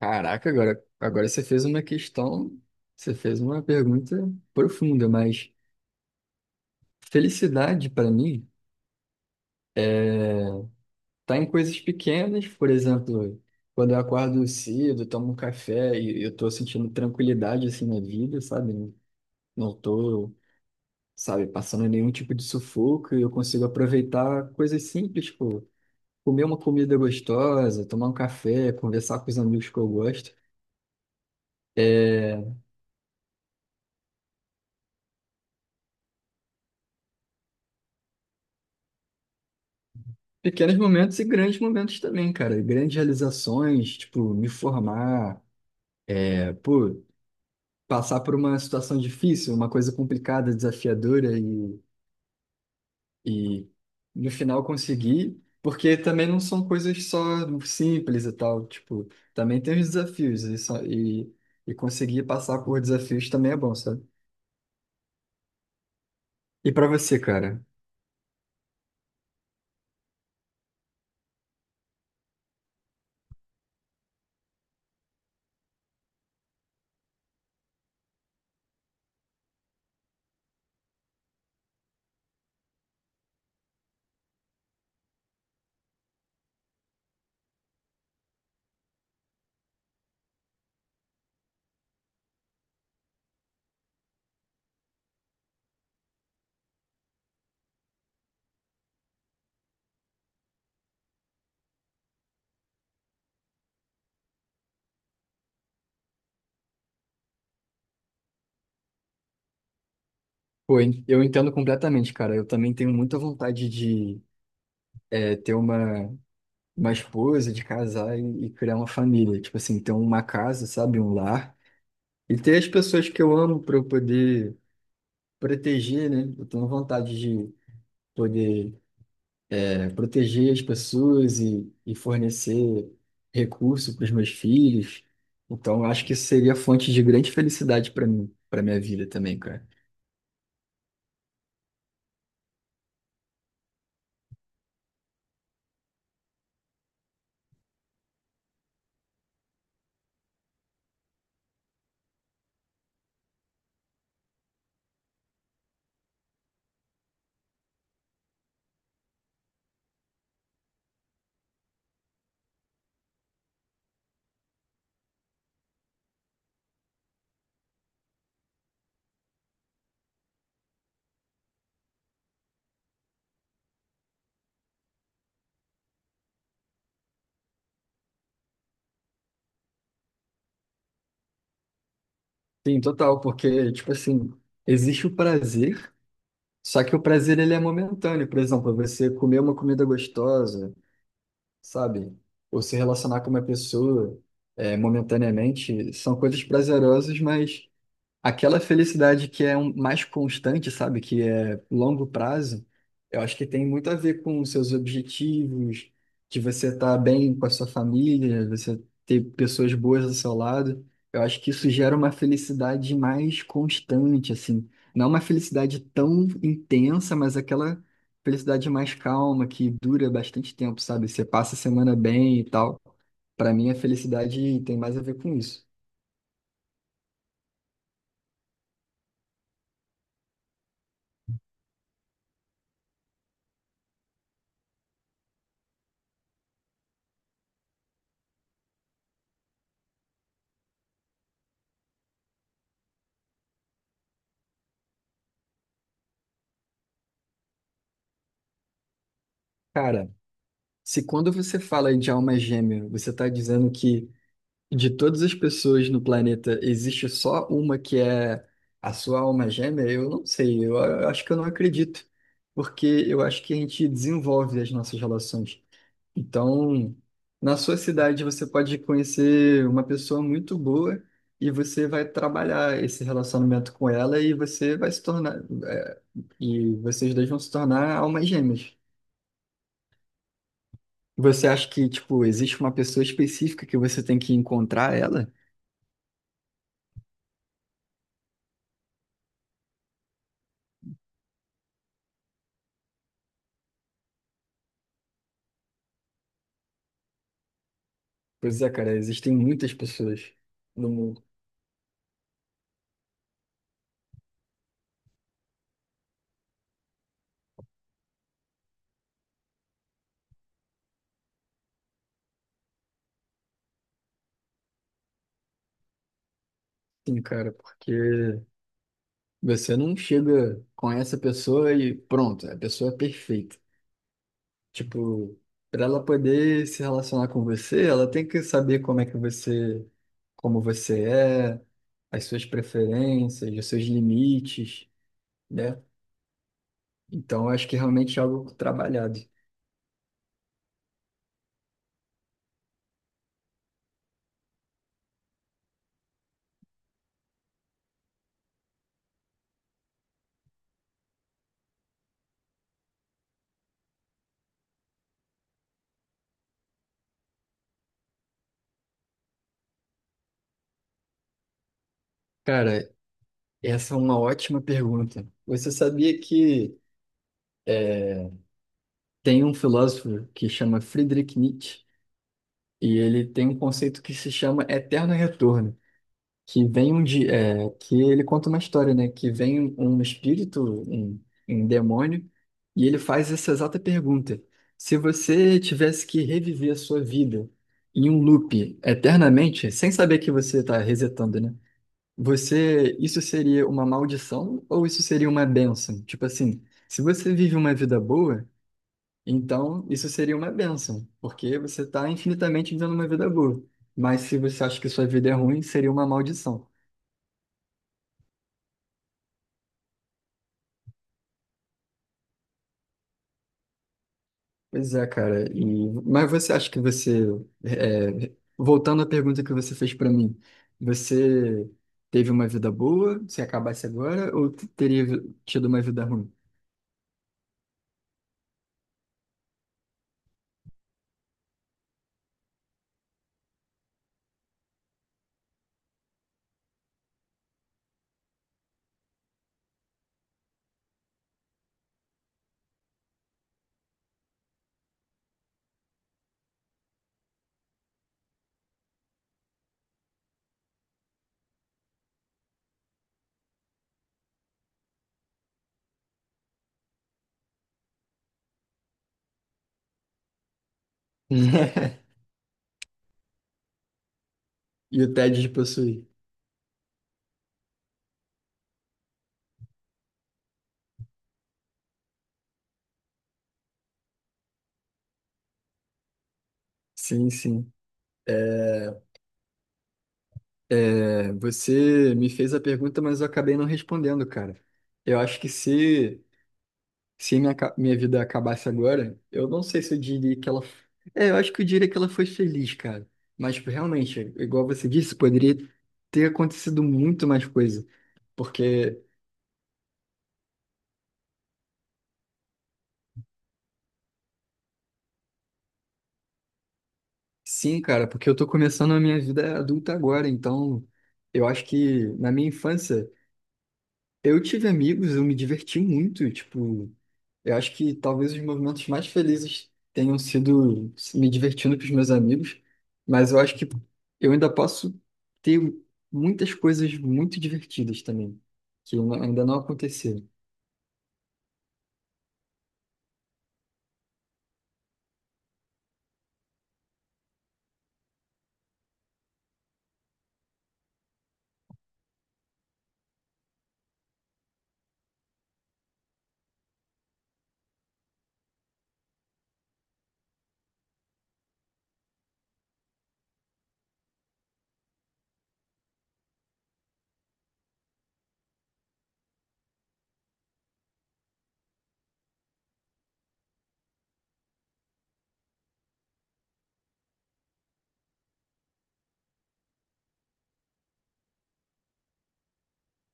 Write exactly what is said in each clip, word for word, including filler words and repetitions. Caraca, agora, agora você fez uma questão, você fez uma pergunta profunda, mas felicidade para mim tá em coisas pequenas, por exemplo, quando eu acordo cedo, tomo um café e eu tô sentindo tranquilidade assim na vida, sabe? Não não tô, sabe, passando nenhum tipo de sufoco e eu consigo aproveitar coisas simples, tipo, comer uma comida gostosa, tomar um café, conversar com os amigos que eu gosto. É, pequenos momentos e grandes momentos também, cara. Grandes realizações, tipo, me formar, é, pô, passar por uma situação difícil, uma coisa complicada, desafiadora e, e no final conseguir, porque também não são coisas só simples e tal, tipo, também tem os desafios e, só- e, e conseguir passar por desafios também é bom, sabe? E pra você, cara? Pô, eu entendo completamente, cara. Eu também tenho muita vontade de, é, ter uma uma esposa, de casar e, e criar uma família. Tipo assim, ter uma casa, sabe? Um lar. E ter as pessoas que eu amo para eu poder proteger, né? Eu tenho vontade de poder é, proteger as pessoas e, e fornecer recurso para os meus filhos. Então, eu acho que isso seria fonte de grande felicidade para mim, para minha vida também, cara. Sim, total, porque, tipo assim, existe o prazer, só que o prazer ele é momentâneo. Por exemplo, você comer uma comida gostosa, sabe? Ou se relacionar com uma pessoa é, momentaneamente são coisas prazerosas, mas aquela felicidade que é um- mais constante, sabe? Que é longo prazo, eu acho que tem muito a ver com os seus objetivos, de você estar bem com a sua família, você ter pessoas boas ao seu lado. Eu acho que isso gera uma felicidade mais constante, assim. Não uma felicidade tão intensa, mas aquela felicidade mais calma, que dura bastante tempo, sabe? Você passa a semana bem e tal. Para mim, a felicidade tem mais a ver com isso. Cara, se quando você fala de alma gêmea, você está dizendo que de todas as pessoas no planeta existe só uma que é a sua alma gêmea, eu não sei, eu a- acho que eu não acredito, porque eu acho que a gente desenvolve as nossas relações. Então, na sua cidade você pode conhecer uma pessoa muito boa e você vai trabalhar esse relacionamento com ela e você vai se tornar, eh, e vocês dois vão se tornar almas gêmeas. Você acha que, tipo, existe uma pessoa específica que você tem que encontrar ela? Pois é, cara, existem muitas pessoas no mundo. Sim, cara, porque você não chega com essa pessoa e pronto, a pessoa é perfeita. Tipo, para ela poder se relacionar com você, ela tem que saber como é que você, como você é, as suas preferências, os seus limites, né? Então, eu acho que realmente é algo trabalhado. Cara, essa é uma ótima pergunta. Você sabia que tem um filósofo que chama Friedrich Nietzsche e ele tem um conceito que se chama eterno retorno, que vem um dia, é, que ele conta uma história, né? Que vem um espírito, um, um demônio, e ele faz essa exata pergunta: se você tivesse que reviver a sua vida em um loop eternamente, sem saber que você está resetando, né? Você, isso seria uma maldição ou isso seria uma bênção? Tipo assim, se você vive uma vida boa, então isso seria uma bênção, porque você está infinitamente vivendo uma vida boa. Mas se você acha que sua vida é ruim, seria uma maldição. Pois é, cara. E, mas você acha que você, é, voltando à pergunta que você fez para mim, você teve uma vida boa, se acabasse agora, ou teria tido uma vida ruim? E o tédio de possuir. Sim, sim. É, você me fez a pergunta, mas eu acabei não respondendo, cara. Eu acho que se, se minha, ca- minha vida acabasse agora, eu não sei se eu diria que ela. É, eu acho que eu diria que ela foi feliz, cara. Mas tipo, realmente, igual você disse, poderia ter acontecido muito mais coisa. Porque, sim, cara, porque eu tô começando a minha vida adulta agora, então eu acho que na minha infância. Eu tive amigos, eu me diverti muito, tipo, eu acho que talvez os momentos mais felizes tenham sido me divertindo com os meus amigos, mas eu acho que eu ainda posso ter muitas coisas muito divertidas também, que não- ainda não aconteceram.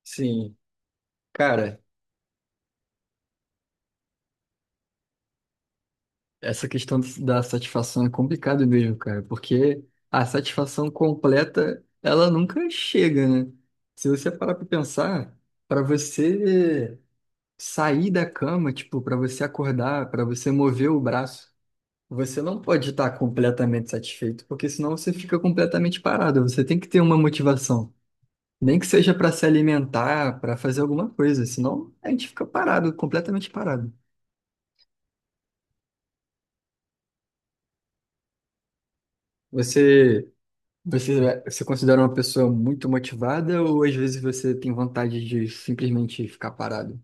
Sim, cara, essa questão da satisfação é complicado mesmo, cara, porque a satisfação completa, ela nunca chega, né? Se você parar pra pensar, pra você sair da cama, tipo, para você acordar, para você mover o braço, você não pode estar completamente satisfeito, porque senão você fica completamente parado. Você tem que ter uma motivação, nem que seja para se alimentar, para fazer alguma coisa, senão a gente fica parado, completamente parado. Você, você, você considera uma pessoa muito motivada ou às vezes você tem vontade de simplesmente ficar parado?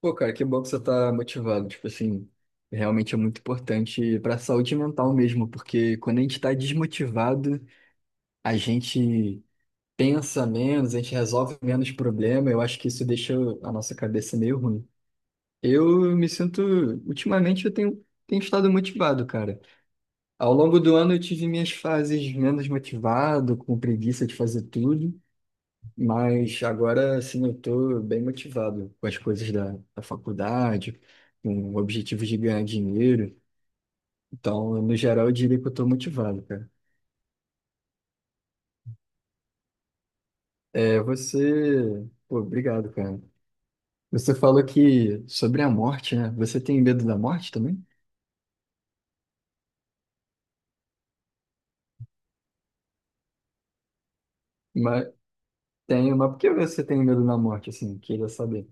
Pô, cara, que bom que você tá motivado. Tipo assim, realmente é muito importante pra saúde mental mesmo, porque quando a gente tá desmotivado, a gente pensa menos, a gente resolve menos problema. Eu acho que isso deixa a nossa cabeça meio ruim. Eu me sinto, ultimamente eu tenho, tenho estado motivado, cara. Ao longo do ano eu tive minhas fases menos motivado, com preguiça de fazer tudo. Mas agora, assim, eu tô bem motivado com as coisas da, da faculdade, com o objetivo de ganhar dinheiro. Então, no geral, eu diria que eu tô motivado, cara. É, você... Pô, obrigado, cara. Você falou que sobre a morte, né? Você tem medo da morte também? Mas tenho, mas por que você tem medo da morte, assim? Queria saber.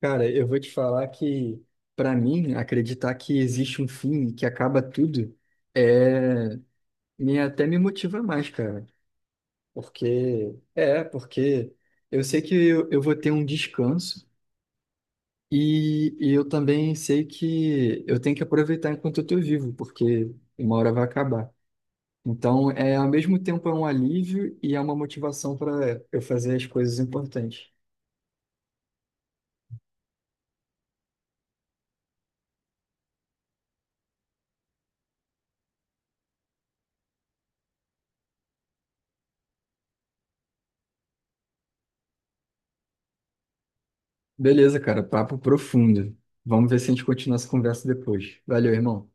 Cara, eu vou te falar que, pra mim, acreditar que existe um fim que acaba tudo é... Me, até me motiva mais, cara. Porque, é, porque eu sei que eu, eu vou ter um descanso e, e eu também sei que eu tenho que aproveitar enquanto eu estou vivo, porque uma hora vai acabar. Então, é, ao mesmo tempo é um alívio e é uma motivação para eu fazer as coisas importantes. Beleza, cara, papo profundo. Vamos ver se a gente continua essa conversa depois. Valeu, irmão.